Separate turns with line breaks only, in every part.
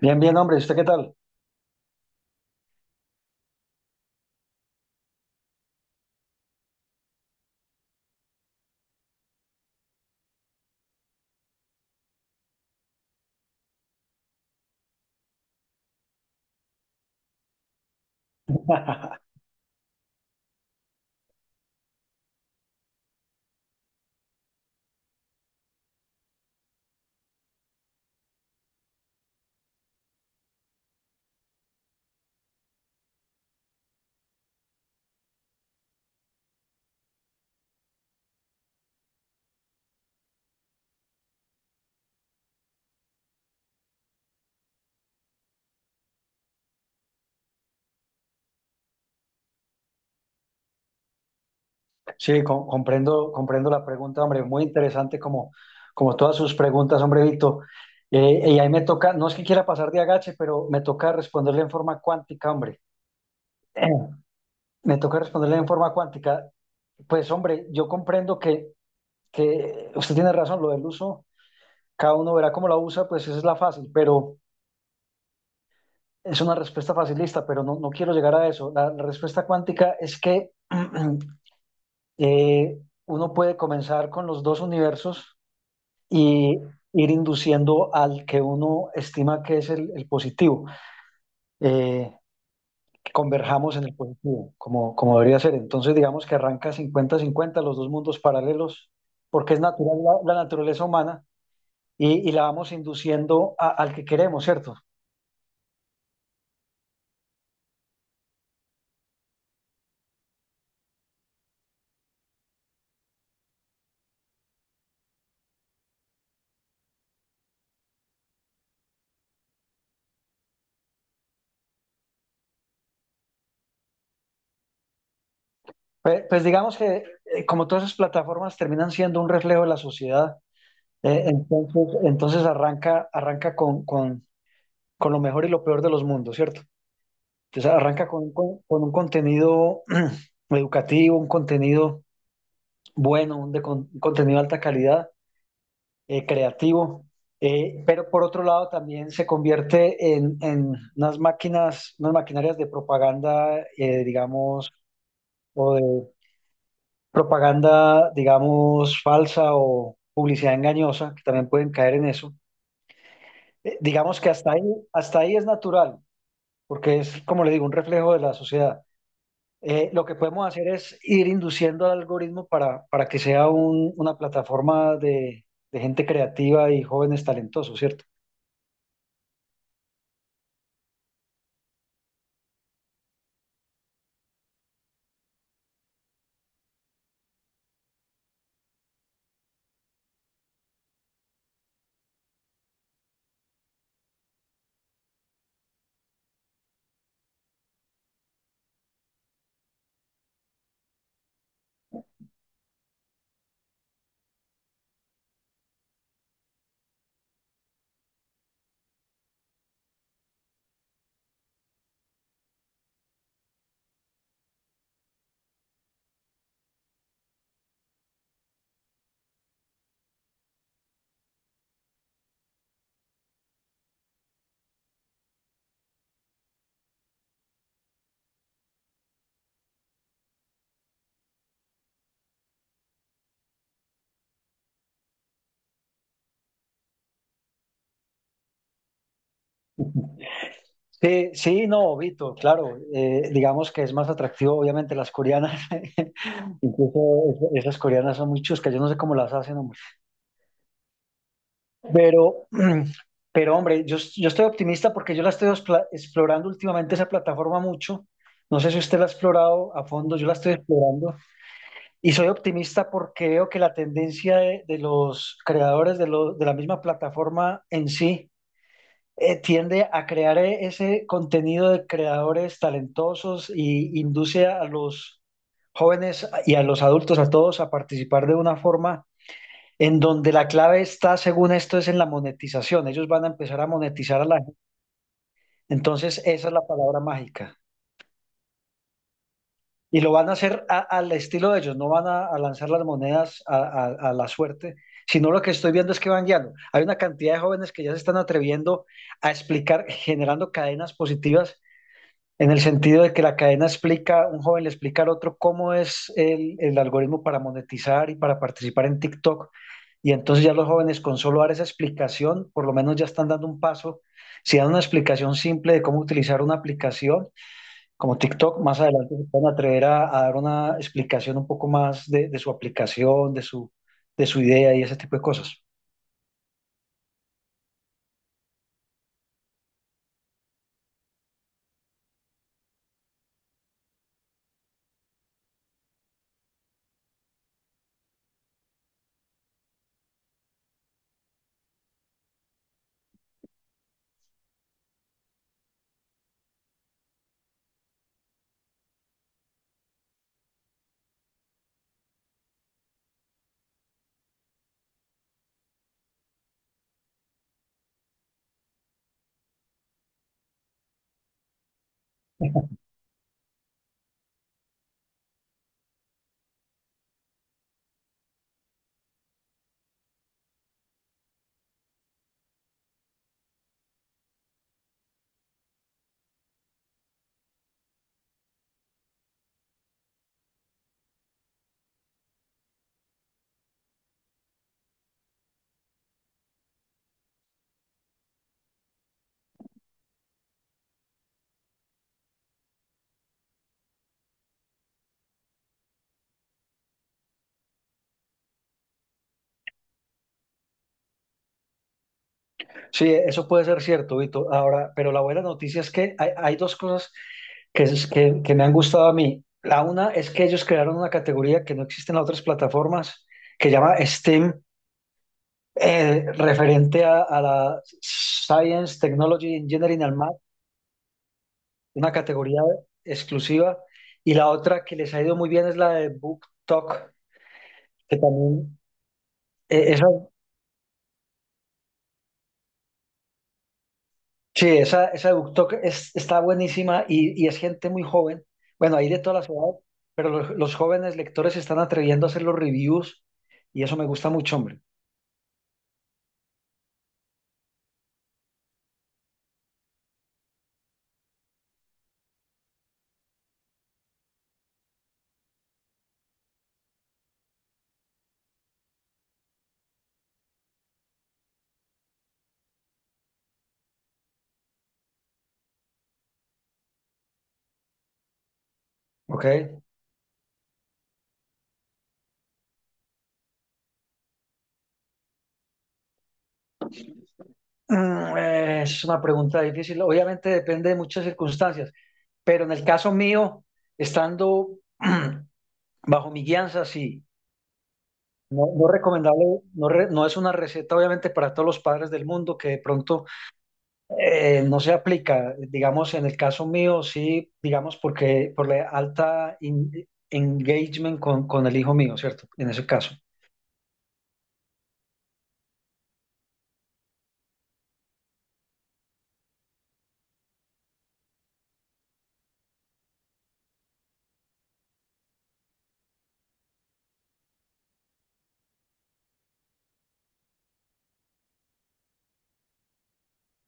Bien, bien, hombre, ¿y usted qué tal? Comprendo la pregunta, hombre, muy interesante como todas sus preguntas, hombre, Vito. Y ahí me toca, no es que quiera pasar de agache, pero me toca responderle en forma cuántica, hombre. Me toca responderle en forma cuántica. Pues, hombre, que usted tiene razón, lo del uso, cada uno verá cómo la usa, pues esa es la fácil, pero es una respuesta facilista, pero no, no quiero llegar a eso. La respuesta cuántica es que eh, uno puede comenzar con los dos universos y ir induciendo al que uno estima que es el positivo, eh, que converjamos en el positivo, como debería ser. Entonces, digamos que arranca cincuenta cincuenta los dos mundos paralelos, porque es natural la naturaleza humana y la vamos induciendo al que queremos, ¿cierto? Pues, digamos que como todas esas plataformas terminan siendo un reflejo de la sociedad, entonces arranca con lo mejor y lo peor de los mundos, ¿cierto? Entonces arranca con un contenido educativo, un contenido bueno, un contenido de alta calidad, creativo, pero por otro lado también se convierte en unas máquinas, unas maquinarias de propaganda, digamos, o de propaganda, digamos, falsa o publicidad engañosa, que también pueden caer en eso. Digamos que hasta ahí es natural, porque es, como le digo, un reflejo de la sociedad. Lo que podemos hacer es ir induciendo al algoritmo para que sea una plataforma de gente creativa y jóvenes talentosos, ¿cierto? Sí, sí, no, Vito, claro. Digamos que es más atractivo, obviamente, las coreanas. Incluso esas coreanas son muy chuscas, yo no sé cómo las hacen, hombre. Pero, pero hombre, yo estoy optimista porque yo la estoy explorando últimamente esa plataforma mucho. No sé si usted la ha explorado a fondo, yo la estoy explorando. Y soy optimista porque veo que la tendencia de los creadores de, de la misma plataforma en sí tiende a crear ese contenido de creadores talentosos y induce a los jóvenes y a los adultos, a todos, a participar de una forma en donde la clave está, según esto, es en la monetización. Ellos van a empezar a monetizar a la gente. Entonces, esa es la palabra mágica. Y lo van a hacer al estilo de ellos, no van a lanzar las monedas a, a la suerte, sino lo que estoy viendo es que van guiando. Hay una cantidad de jóvenes que ya se están atreviendo a explicar, generando cadenas positivas, en el sentido de que la cadena explica, un joven le explica al otro cómo es el algoritmo para monetizar y para participar en TikTok. Y entonces ya los jóvenes con solo dar esa explicación, por lo menos ya están dando un paso. Si dan una explicación simple de cómo utilizar una aplicación, como TikTok, más adelante se pueden atrever a dar una explicación un poco más de su aplicación, de su idea y ese tipo de cosas. Sí, eso puede ser cierto, Vito. Ahora, pero la buena noticia es que hay dos cosas que me han gustado a mí. La una es que ellos crearon una categoría que no existe en las otras plataformas, que llama STEAM, referente a la Science, Technology, Engineering and Math, una categoría exclusiva. Y la otra que les ha ido muy bien es la de Book Talk. Eh, Esa, sí, esa de BookTok es, está buenísima y es gente muy joven. Bueno, hay de todas las edades, pero los jóvenes lectores se están atreviendo a hacer los reviews y eso me gusta mucho, hombre. ¿Ok? Es una pregunta difícil. Obviamente depende de muchas circunstancias, pero en el caso mío, estando bajo mi guianza, sí. No, no recomendable, no, no es una receta obviamente para todos los padres del mundo que de pronto. No se aplica, digamos, en el caso mío, sí, digamos, porque por la alta engagement con el hijo mío, ¿cierto? En ese caso.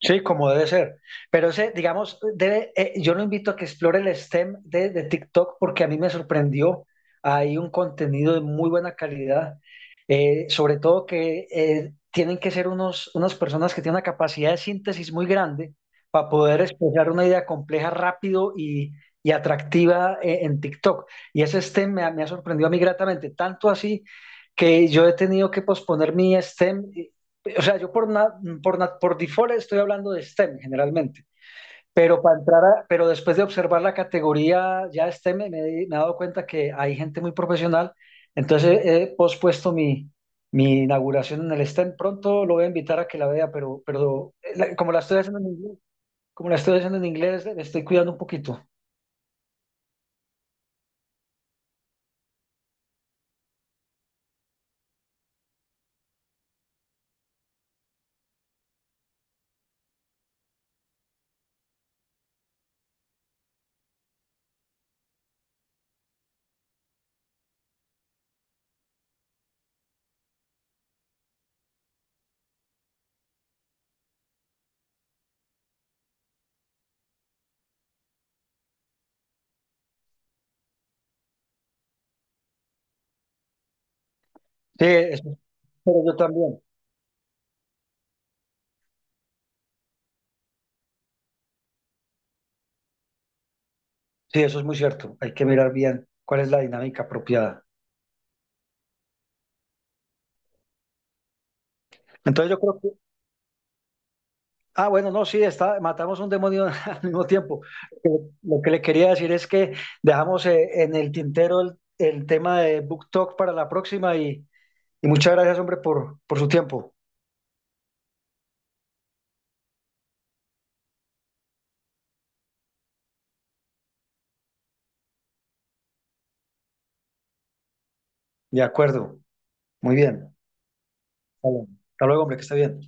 Sí, como debe ser. Pero ese, digamos, debe, yo lo invito a que explore el STEM de TikTok porque a mí me sorprendió. Hay un contenido de muy buena calidad, sobre todo que tienen que ser unas personas que tienen una capacidad de síntesis muy grande para poder expresar una idea compleja rápido y atractiva en TikTok. Y ese STEM me ha sorprendido a mí gratamente, tanto así que yo he tenido que posponer mi STEM o sea, yo por default estoy hablando de STEM generalmente, pero, pero después de observar la categoría ya STEM me he dado cuenta que hay gente muy profesional, entonces he pospuesto mi inauguración en el STEM. Pronto lo voy a invitar a que la vea, pero como la estoy haciendo en inglés, como la estoy haciendo en inglés, me estoy cuidando un poquito. Sí, eso, pero yo también. Sí, eso es muy cierto. Hay que mirar bien cuál es la dinámica apropiada. Entonces yo creo Ah, bueno, no, sí, está, matamos un demonio al mismo tiempo. Eh, Lo que le quería decir es que dejamos en el tintero el tema de Book Talk para la próxima y muchas gracias, hombre, por su tiempo. De acuerdo, muy bien. Vale. Hasta luego, hombre, que esté bien.